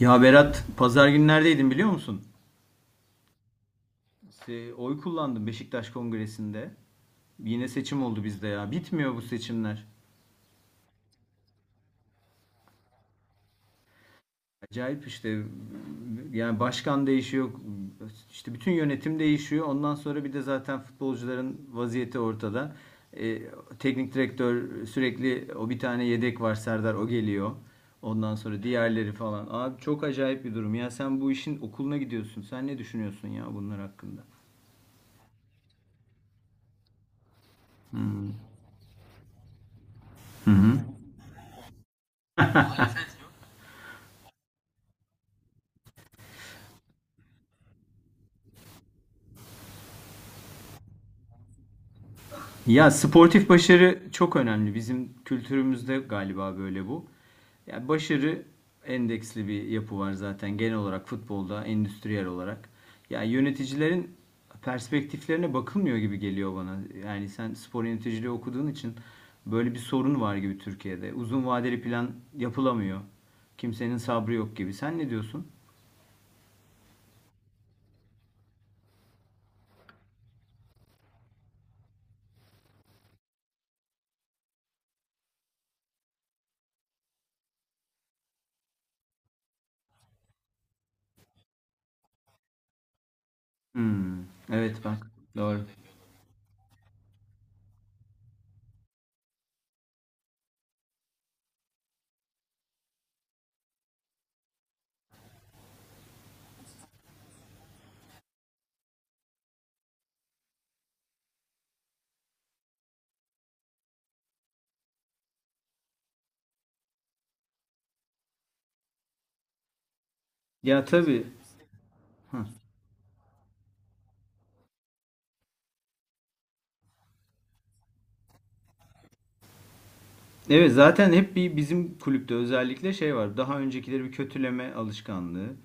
Ya Berat, pazar günü neredeydin biliyor musun? Oy kullandım Beşiktaş Kongresi'nde. Yine seçim oldu bizde ya. Bitmiyor bu seçimler. Acayip işte. Yani başkan değişiyor. İşte bütün yönetim değişiyor. Ondan sonra bir de zaten futbolcuların vaziyeti ortada. E, teknik direktör sürekli o bir tane yedek var Serdar o geliyor. Ondan sonra diğerleri falan. Abi çok acayip bir durum. Ya sen bu işin okuluna gidiyorsun. Sen ne düşünüyorsun ya bunlar hakkında? Ya sportif başarı çok önemli. Bizim kültürümüzde galiba böyle bu. Ya başarı endeksli bir yapı var zaten genel olarak futbolda, endüstriyel olarak. Ya yöneticilerin perspektiflerine bakılmıyor gibi geliyor bana. Yani sen spor yöneticiliği okuduğun için böyle bir sorun var gibi Türkiye'de. Uzun vadeli plan yapılamıyor. Kimsenin sabrı yok gibi. Sen ne diyorsun? Hmm, evet bak. Doğru. Ya tabii. Hah. Evet zaten hep bir bizim kulüpte özellikle şey var. Daha öncekileri bir kötüleme alışkanlığı,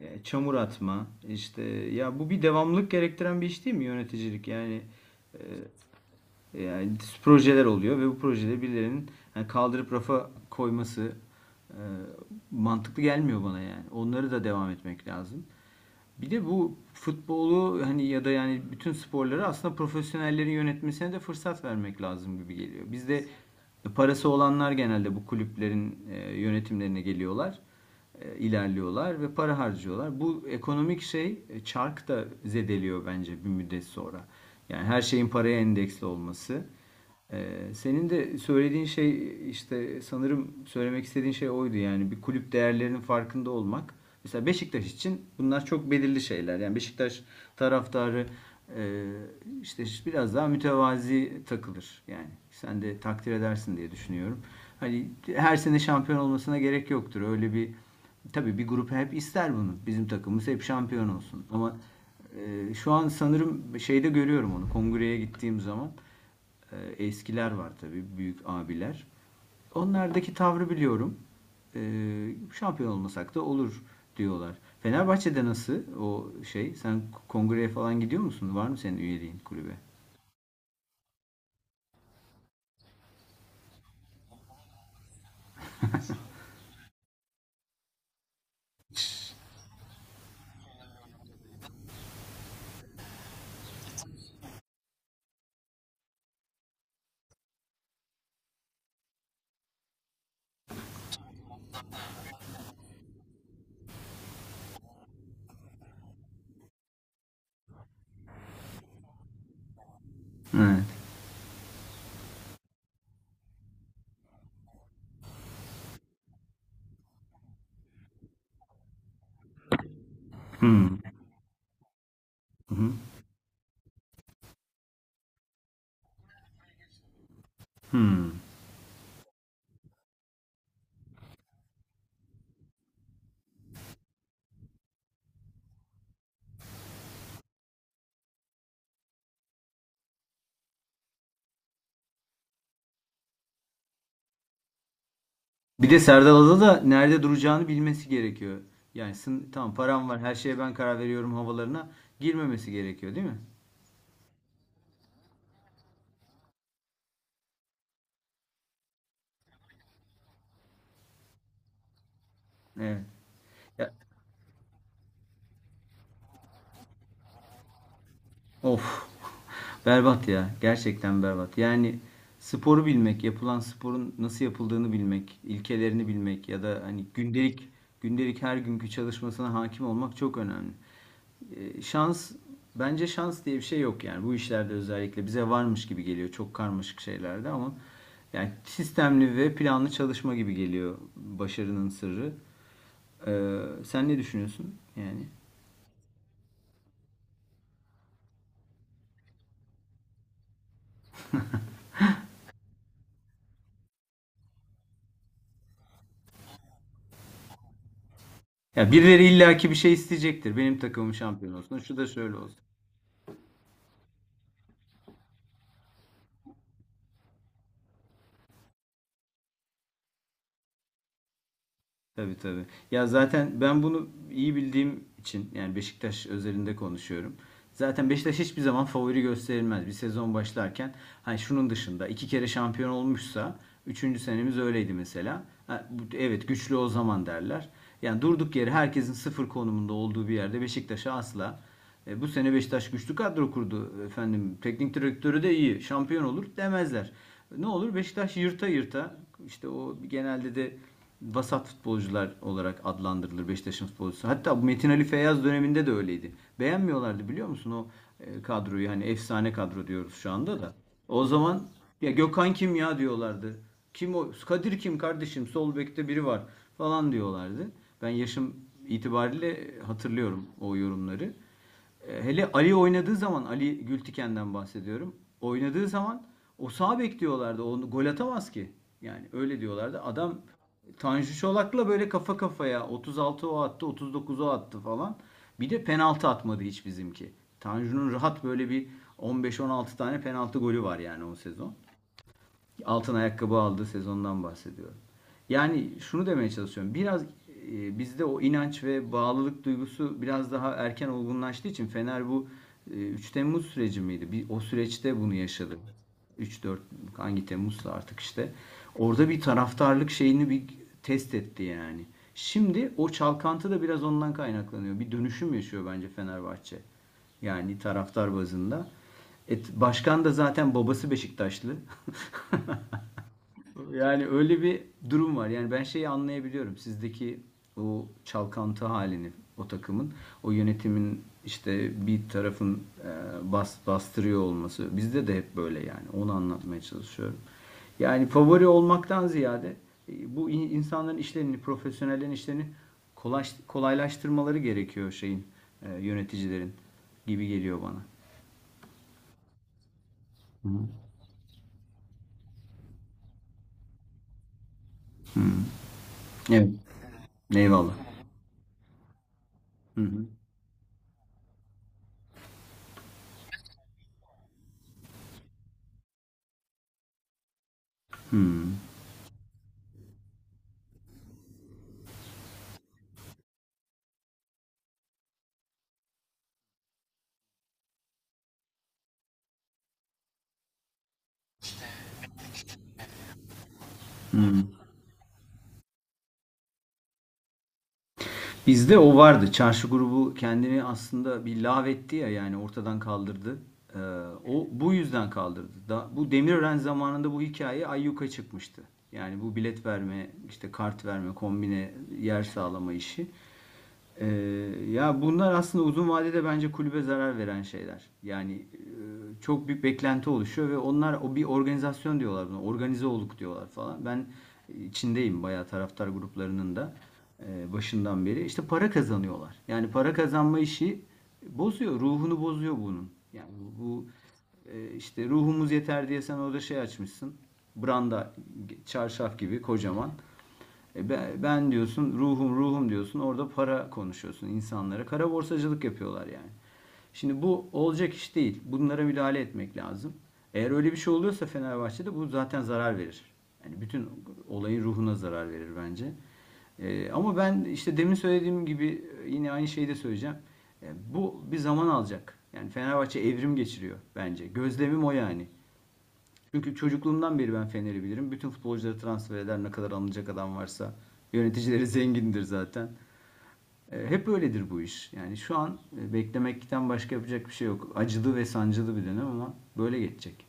çamur atma. İşte ya bu bir devamlılık gerektiren bir iş değil mi yöneticilik? E, yani projeler oluyor ve bu projede birilerinin yani kaldırıp rafa koyması e, mantıklı gelmiyor bana yani. Onları da devam etmek lazım. Bir de bu futbolu hani ya da yani bütün sporları aslında profesyonellerin yönetmesine de fırsat vermek lazım gibi geliyor. Bizde parası olanlar genelde bu kulüplerin yönetimlerine geliyorlar ilerliyorlar ve para harcıyorlar. Bu ekonomik şey çark da zedeliyor bence bir müddet sonra. Yani her şeyin paraya endeksli olması. E, senin de söylediğin şey işte sanırım söylemek istediğin şey oydu yani bir kulüp değerlerinin farkında olmak. Mesela Beşiktaş için bunlar çok belirli şeyler. Yani Beşiktaş taraftarı e, işte biraz daha mütevazi takılır. Yani sen de takdir edersin diye düşünüyorum. Hani her sene şampiyon olmasına gerek yoktur. Öyle bir tabii bir grup hep ister bunu. Bizim takımımız hep şampiyon olsun. Ama şu an sanırım şeyde görüyorum onu. Kongreye gittiğim zaman eskiler var tabii büyük abiler. Onlardaki tavrı biliyorum. Şampiyon olmasak da olur diyorlar. Fenerbahçe'de nasıl o şey? Sen kongreye falan gidiyor musun? Var mı senin üyeliğin kulübe? He. Bir de Serdal da nerede duracağını bilmesi gerekiyor. Yani tamam param var her şeye ben karar veriyorum havalarına girmemesi gerekiyor değil mi? Evet. Ya, of. Berbat ya. Gerçekten berbat. Yani sporu bilmek, yapılan sporun nasıl yapıldığını bilmek, ilkelerini bilmek ya da hani gündelik her günkü çalışmasına hakim olmak çok önemli. Şans bence şans diye bir şey yok yani bu işlerde özellikle bize varmış gibi geliyor çok karmaşık şeylerde ama yani sistemli ve planlı çalışma gibi geliyor başarının sırrı. Sen ne düşünüyorsun yani? Ya birileri illaki bir şey isteyecektir. Benim takımım şampiyon olsun. Şu da şöyle olsun. Tabii tabii. Ya zaten ben bunu iyi bildiğim için yani Beşiktaş özelinde konuşuyorum. Zaten Beşiktaş hiçbir zaman favori gösterilmez. Bir sezon başlarken hani şunun dışında iki kere şampiyon olmuşsa üçüncü senemiz öyleydi mesela. Ha, evet güçlü o zaman derler. Yani durduk yere herkesin sıfır konumunda olduğu bir yerde Beşiktaş'a asla. E, bu sene Beşiktaş güçlü kadro kurdu efendim. Teknik direktörü de iyi. Şampiyon olur demezler. Ne olur Beşiktaş yırta yırta işte o genelde de vasat futbolcular olarak adlandırılır Beşiktaş'ın futbolcusu. Hatta Metin Ali Feyyaz döneminde de öyleydi. Beğenmiyorlardı biliyor musun o kadroyu hani efsane kadro diyoruz şu anda da. O zaman ya Gökhan kim ya diyorlardı. Kim o? Kadir kim kardeşim? Sol bekte biri var falan diyorlardı. Ben yaşım itibariyle hatırlıyorum o yorumları. E, hele Ali oynadığı zaman Ali Gültiken'den bahsediyorum. Oynadığı zaman o sağ bek diyorlardı. Onu gol atamaz ki. Yani öyle diyorlardı. Adam Tanju Çolak'la böyle kafa kafaya 36 o attı, 39 o attı falan. Bir de penaltı atmadı hiç bizimki. Tanju'nun rahat böyle bir 15-16 tane penaltı golü var yani o sezon altın ayakkabı aldığı sezondan bahsediyorum. Yani şunu demeye çalışıyorum. Biraz bizde o inanç ve bağlılık duygusu biraz daha erken olgunlaştığı için Fener bu 3 Temmuz süreci miydi? Bir, o süreçte bunu yaşadı. Üç dört hangi Temmuz'sa artık işte. Orada bir taraftarlık şeyini bir test etti yani. Şimdi o çalkantı da biraz ondan kaynaklanıyor. Bir dönüşüm yaşıyor bence Fenerbahçe. Yani taraftar bazında. Başkan da zaten babası Beşiktaşlı. Yani öyle bir durum var. Yani ben şeyi anlayabiliyorum. Sizdeki o çalkantı halini o takımın, o yönetimin işte bir tarafın bastırıyor olması. Bizde de hep böyle yani. Onu anlatmaya çalışıyorum. Yani favori olmaktan ziyade bu insanların işlerini, profesyonellerin işlerini kolaylaştırmaları gerekiyor şeyin, yöneticilerin gibi geliyor bana. Evet. Eyvallah. Hı hı. Bizde o vardı. Çarşı grubu kendini aslında bir lağvetti ya yani ortadan kaldırdı. Ee, o bu yüzden kaldırdı. Da, bu Demirören zamanında bu hikaye ayyuka çıkmıştı. Yani bu bilet verme, işte kart verme, kombine yer sağlama işi. Ee, ya bunlar aslında uzun vadede bence kulübe zarar veren şeyler. Yani çok büyük beklenti oluşuyor ve onlar o bir organizasyon diyorlar buna. Organize olduk diyorlar falan. Ben içindeyim bayağı taraftar gruplarının da başından beri. İşte para kazanıyorlar. Yani para kazanma işi bozuyor. Ruhunu bozuyor bunun. Yani bu işte ruhumuz yeter diye sen orada şey açmışsın. Branda çarşaf gibi kocaman. E ben diyorsun ruhum ruhum diyorsun orada para konuşuyorsun insanlara. Kara borsacılık yapıyorlar yani. Şimdi bu olacak iş değil. Bunlara müdahale etmek lazım. Eğer öyle bir şey oluyorsa Fenerbahçe'de bu zaten zarar verir. Yani bütün olayın ruhuna zarar verir bence. E, ama ben işte demin söylediğim gibi yine aynı şeyi de söyleyeceğim. E, bu bir zaman alacak. Yani Fenerbahçe evrim geçiriyor bence. Gözlemim o yani. Çünkü çocukluğumdan beri ben Fener'i bilirim. Bütün futbolcuları transfer eder ne kadar alınacak adam varsa. Yöneticileri zengindir zaten. E, hep öyledir bu iş. Yani şu an beklemekten başka yapacak bir şey yok. Acılı ve sancılı bir dönem ama böyle geçecek.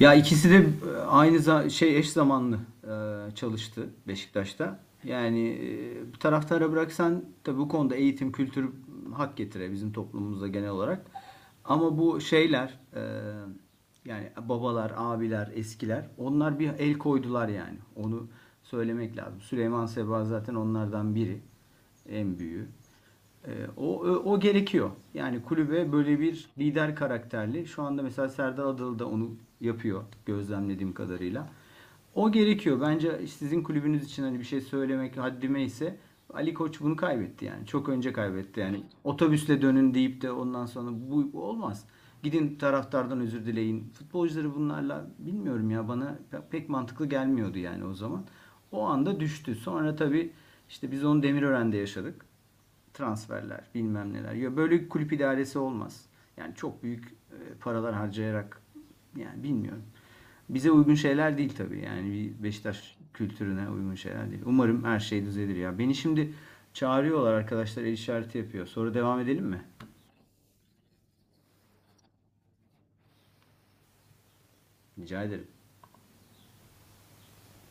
Ya ikisi de aynı şey eş zamanlı e, çalıştı Beşiktaş'ta. Yani taraftara bıraksan tabii bu konuda eğitim, kültür hak getire bizim toplumumuzda genel olarak. Ama bu şeyler yani babalar, abiler, eskiler onlar bir el koydular yani. Onu söylemek lazım. Süleyman Seba zaten onlardan biri en büyüğü. E, o, o, o gerekiyor. Yani kulübe böyle bir lider karakterli. Şu anda mesela Serdar Adalı da onu yapıyor gözlemlediğim kadarıyla. O gerekiyor. Bence sizin kulübünüz için hani bir şey söylemek haddime ise Ali Koç bunu kaybetti yani. Çok önce kaybetti yani. Otobüsle dönün deyip de ondan sonra bu olmaz. Gidin taraftardan özür dileyin. Futbolcuları bunlarla bilmiyorum ya bana pek mantıklı gelmiyordu yani o zaman. O anda düştü. Sonra tabii işte biz onu Demirören'de yaşadık. Transferler, bilmem neler. Ya böyle kulüp idaresi olmaz. Yani çok büyük paralar harcayarak yani bilmiyorum. Bize uygun şeyler değil tabii. Yani bir Beşiktaş kültürüne uygun şeyler değil. Umarım her şey düzelir ya. Beni şimdi çağırıyorlar arkadaşlar el işareti yapıyor. Sonra devam edelim mi? Rica ederim.